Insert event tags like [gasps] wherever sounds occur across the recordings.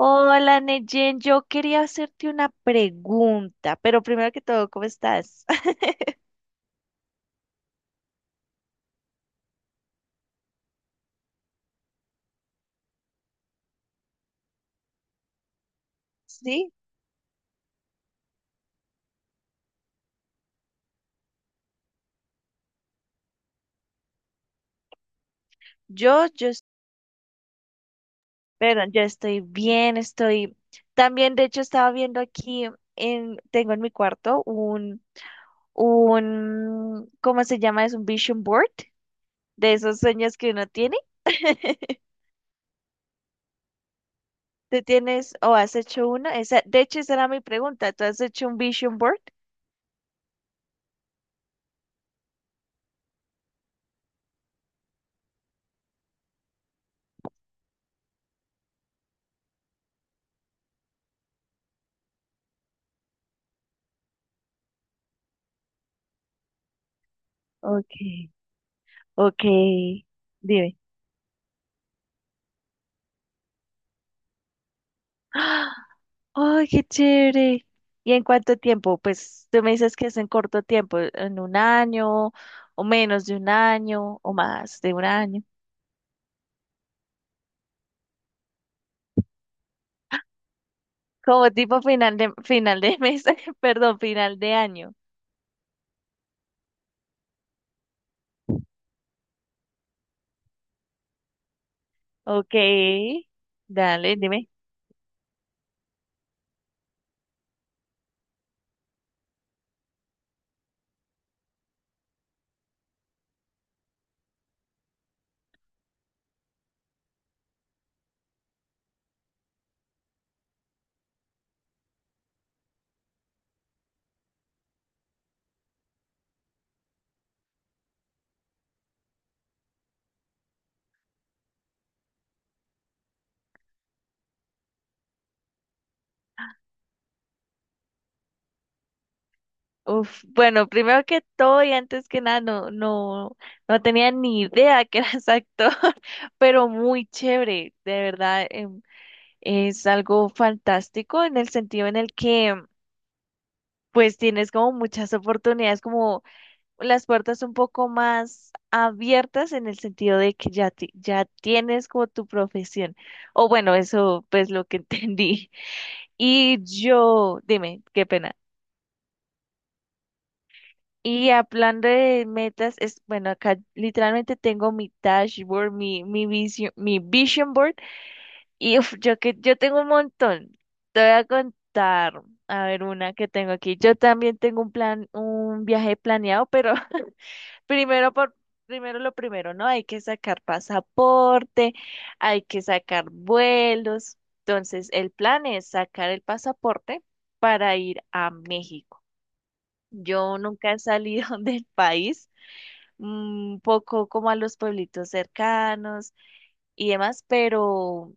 Hola, Neyen, yo quería hacerte una pregunta, pero primero que todo, ¿cómo estás? [laughs] Sí, yo, yo, es- perdón, yo estoy bien, estoy también, de hecho, estaba viendo aquí en, tengo en mi cuarto un, ¿cómo se llama? Es un vision board de esos sueños que uno tiene. [laughs] ¿Tú tienes o has hecho uno? Esa, de hecho, esa era mi pregunta. ¿Tú has hecho un vision board? Okay, okay, dime. [gasps] ¡Ay, qué chévere! ¿Y en cuánto tiempo? Pues tú me dices que es en corto tiempo, en un año, o menos de un año, o más de un año. Como tipo final de mes, [laughs] perdón, final de año. Ok, dale, dime. Uf, bueno, primero que todo y antes que nada, no tenía ni idea que eras actor, [laughs] pero muy chévere, de verdad, es algo fantástico en el sentido en el que pues tienes como muchas oportunidades, como las puertas un poco más abiertas en el sentido de que ya tienes como tu profesión. O bueno, eso pues lo que [laughs] entendí. Y yo, dime, qué pena. Y hablando de metas, es bueno, acá literalmente tengo mi dashboard, mi vision, board, y uf, yo tengo un montón. Te voy a contar, a ver, una que tengo aquí. Yo también tengo un plan, un viaje planeado, pero [laughs] Primero por primero lo primero, ¿no? Hay que sacar pasaporte, hay que sacar vuelos. Entonces, el plan es sacar el pasaporte para ir a México. Yo nunca he salido [laughs] del país, un poco como a los pueblitos cercanos y demás, pero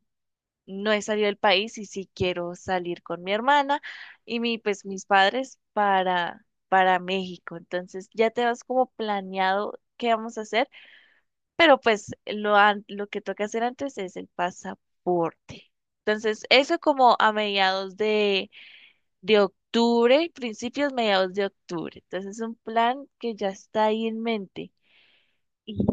no he salido del país y sí quiero salir con mi hermana y mi, pues mis padres para México. Entonces, ya te vas como planeado qué vamos a hacer pero pues lo que toca hacer antes es el pasaporte. Entonces, eso como a mediados de octubre, principios, mediados de octubre. Entonces, es un plan que ya está ahí en mente. Y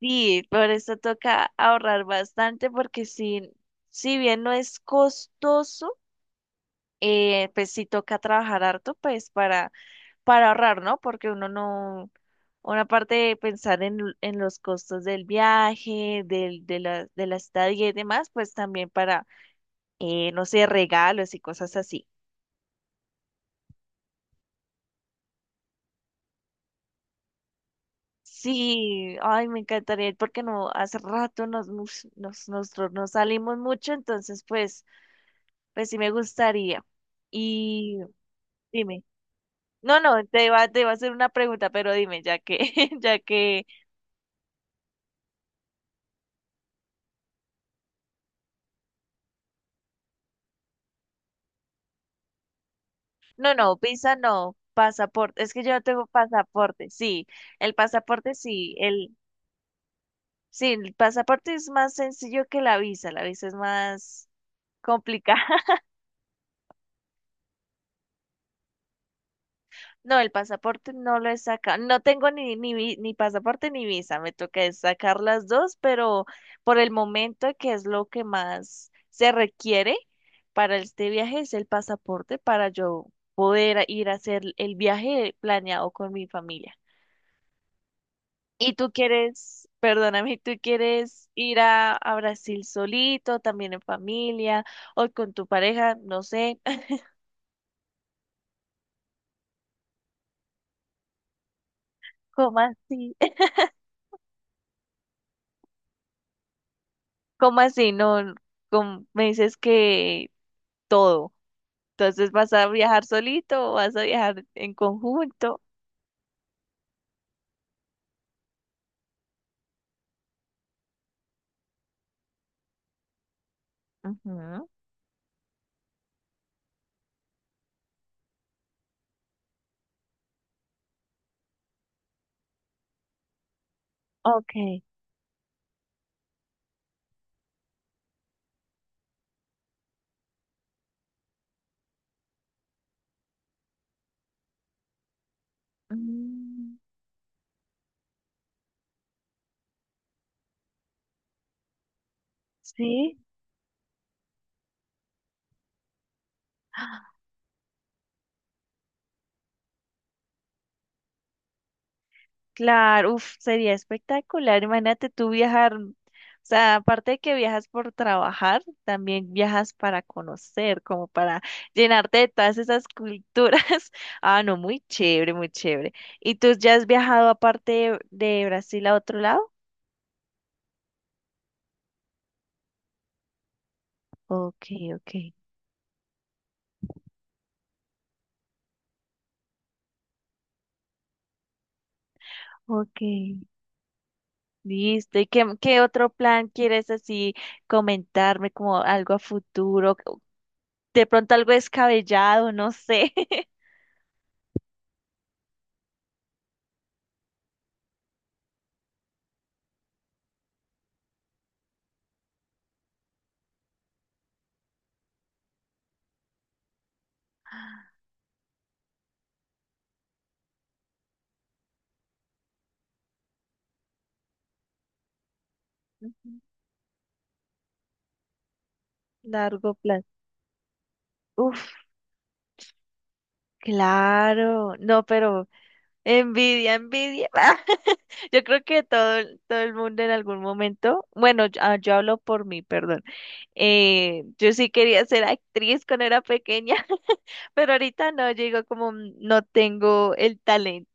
sí, por eso toca ahorrar bastante porque si bien no es costoso, pues sí toca trabajar harto pues para ahorrar, ¿no? Porque uno no, una parte de pensar en los costos del viaje, del, de la estadía y demás, pues también para, no sé, regalos y cosas así. Sí, ay, me encantaría ir porque no, hace rato nosotros no salimos mucho, entonces pues sí me gustaría. Y dime, no, no, te iba a hacer una pregunta, pero dime, ya que, [laughs] ya que No, no, visa no, pasaporte. Es que yo no tengo pasaporte, sí. El pasaporte sí, el pasaporte es más sencillo que la visa, es más complicada. [laughs] No, el pasaporte no lo he sacado. No tengo ni pasaporte ni visa. Me toca es sacar las dos, pero por el momento que es lo que más se requiere para este viaje es el pasaporte para yo poder ir a hacer el viaje planeado con mi familia. ¿Y tú quieres, perdóname, tú quieres ir a Brasil solito, también en familia, o con tu pareja? No sé. [laughs] ¿Cómo así? [laughs] ¿Cómo así? No, como me dices que todo. Entonces, ¿vas a viajar solito o vas a viajar en conjunto? Ujú. Ok. Mm, sí. Claro, uf, sería espectacular. Imagínate tú viajar, o sea, aparte de que viajas por trabajar, también viajas para conocer, como para llenarte de todas esas culturas. [laughs] Ah, no, muy chévere, muy chévere. ¿Y tú ya has viajado aparte de Brasil a otro lado? Ok, ok, ok. Listo. ¿Y qué otro plan quieres así comentarme como algo a futuro? De pronto algo descabellado, no sé. [laughs] Ujú, Largo plan Uf. Claro, no, pero envidia, envidia. [laughs] Yo creo que todo el mundo en algún momento, bueno, yo hablo por mí, perdón. Yo sí quería ser actriz cuando era pequeña, [laughs] pero ahorita no, yo digo como "Mm, no tengo el talento".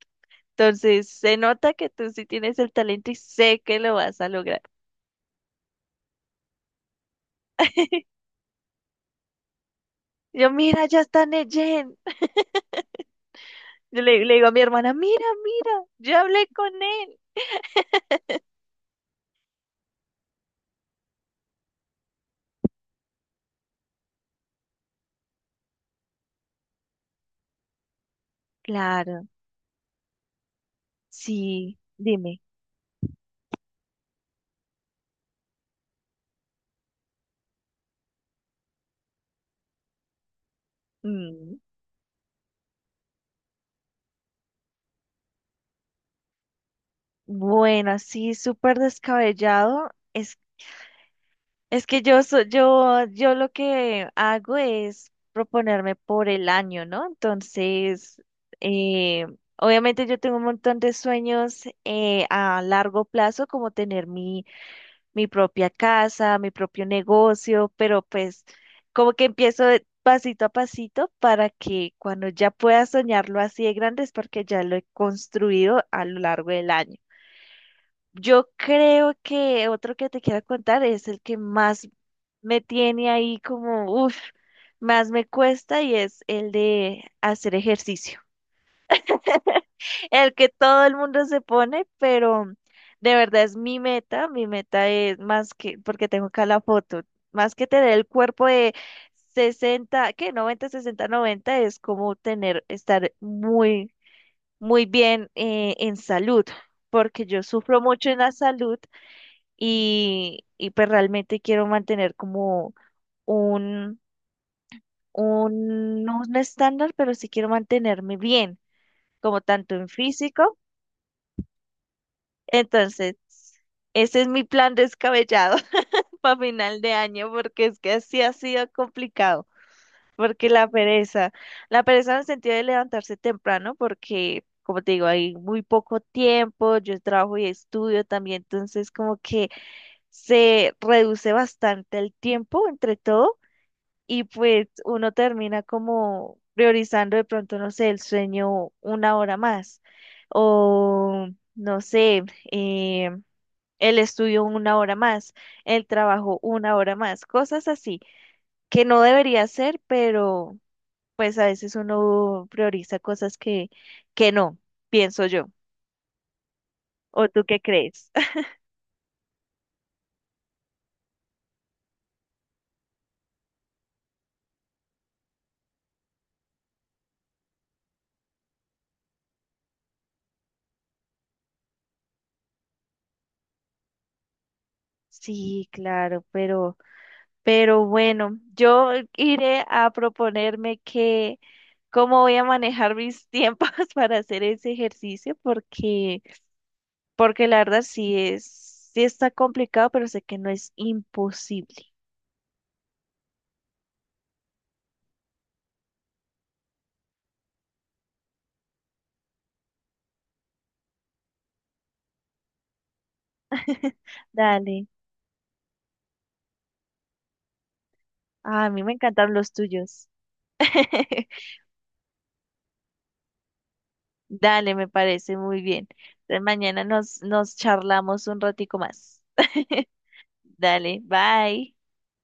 Entonces, se nota que tú sí tienes el talento y sé que lo vas a lograr. Yo, mira, ya está Neyen. [laughs] Yo le digo a mi hermana, mira, mira, yo hablé con él. Claro, sí, dime. Mm. Bueno, así súper descabellado. Es que yo lo que hago es proponerme por el año, ¿no? Entonces, eh, obviamente yo tengo un montón de sueños a largo plazo, como tener mi propia casa, mi propio negocio, pero pues como que empiezo de pasito a pasito para que cuando ya pueda soñarlo así de grande es porque ya lo he construido a lo largo del año. Yo creo que otro que te quiero contar es el que más me tiene ahí como, uff, más me cuesta y es el de hacer ejercicio. El que todo el mundo se pone, pero de verdad es mi meta. Mi meta es más que, porque tengo acá la foto, más que tener el cuerpo de 60 que 90 60 90 es como tener, estar muy, muy bien en salud, porque yo sufro mucho en la salud y pues realmente quiero mantener como un, no un estándar, pero sí quiero mantenerme bien, como tanto en físico. Entonces, ese es mi plan descabellado [laughs] para final de año, porque es que así ha sido complicado, porque la pereza en el sentido de levantarse temprano, Como te digo, hay muy poco tiempo, yo trabajo y estudio también, entonces como que se reduce bastante el tiempo entre todo y pues uno termina como priorizando de pronto, no sé, el sueño una hora más o no sé, eh, el estudio una hora más, el trabajo una hora más, cosas así que no debería ser, pero pues a veces uno prioriza cosas que no, pienso yo. ¿O tú qué crees? [laughs] Sí, claro, Pero bueno, yo iré a proponerme que cómo voy a manejar mis tiempos [laughs] para hacer ese ejercicio, porque, la verdad sí es, sí está complicado, pero sé que no es imposible. [laughs] Dale. Ah, a mí me encantan los tuyos. [laughs] Dale, me parece muy bien. Entonces mañana nos charlamos un ratico más. [laughs] Dale, bye.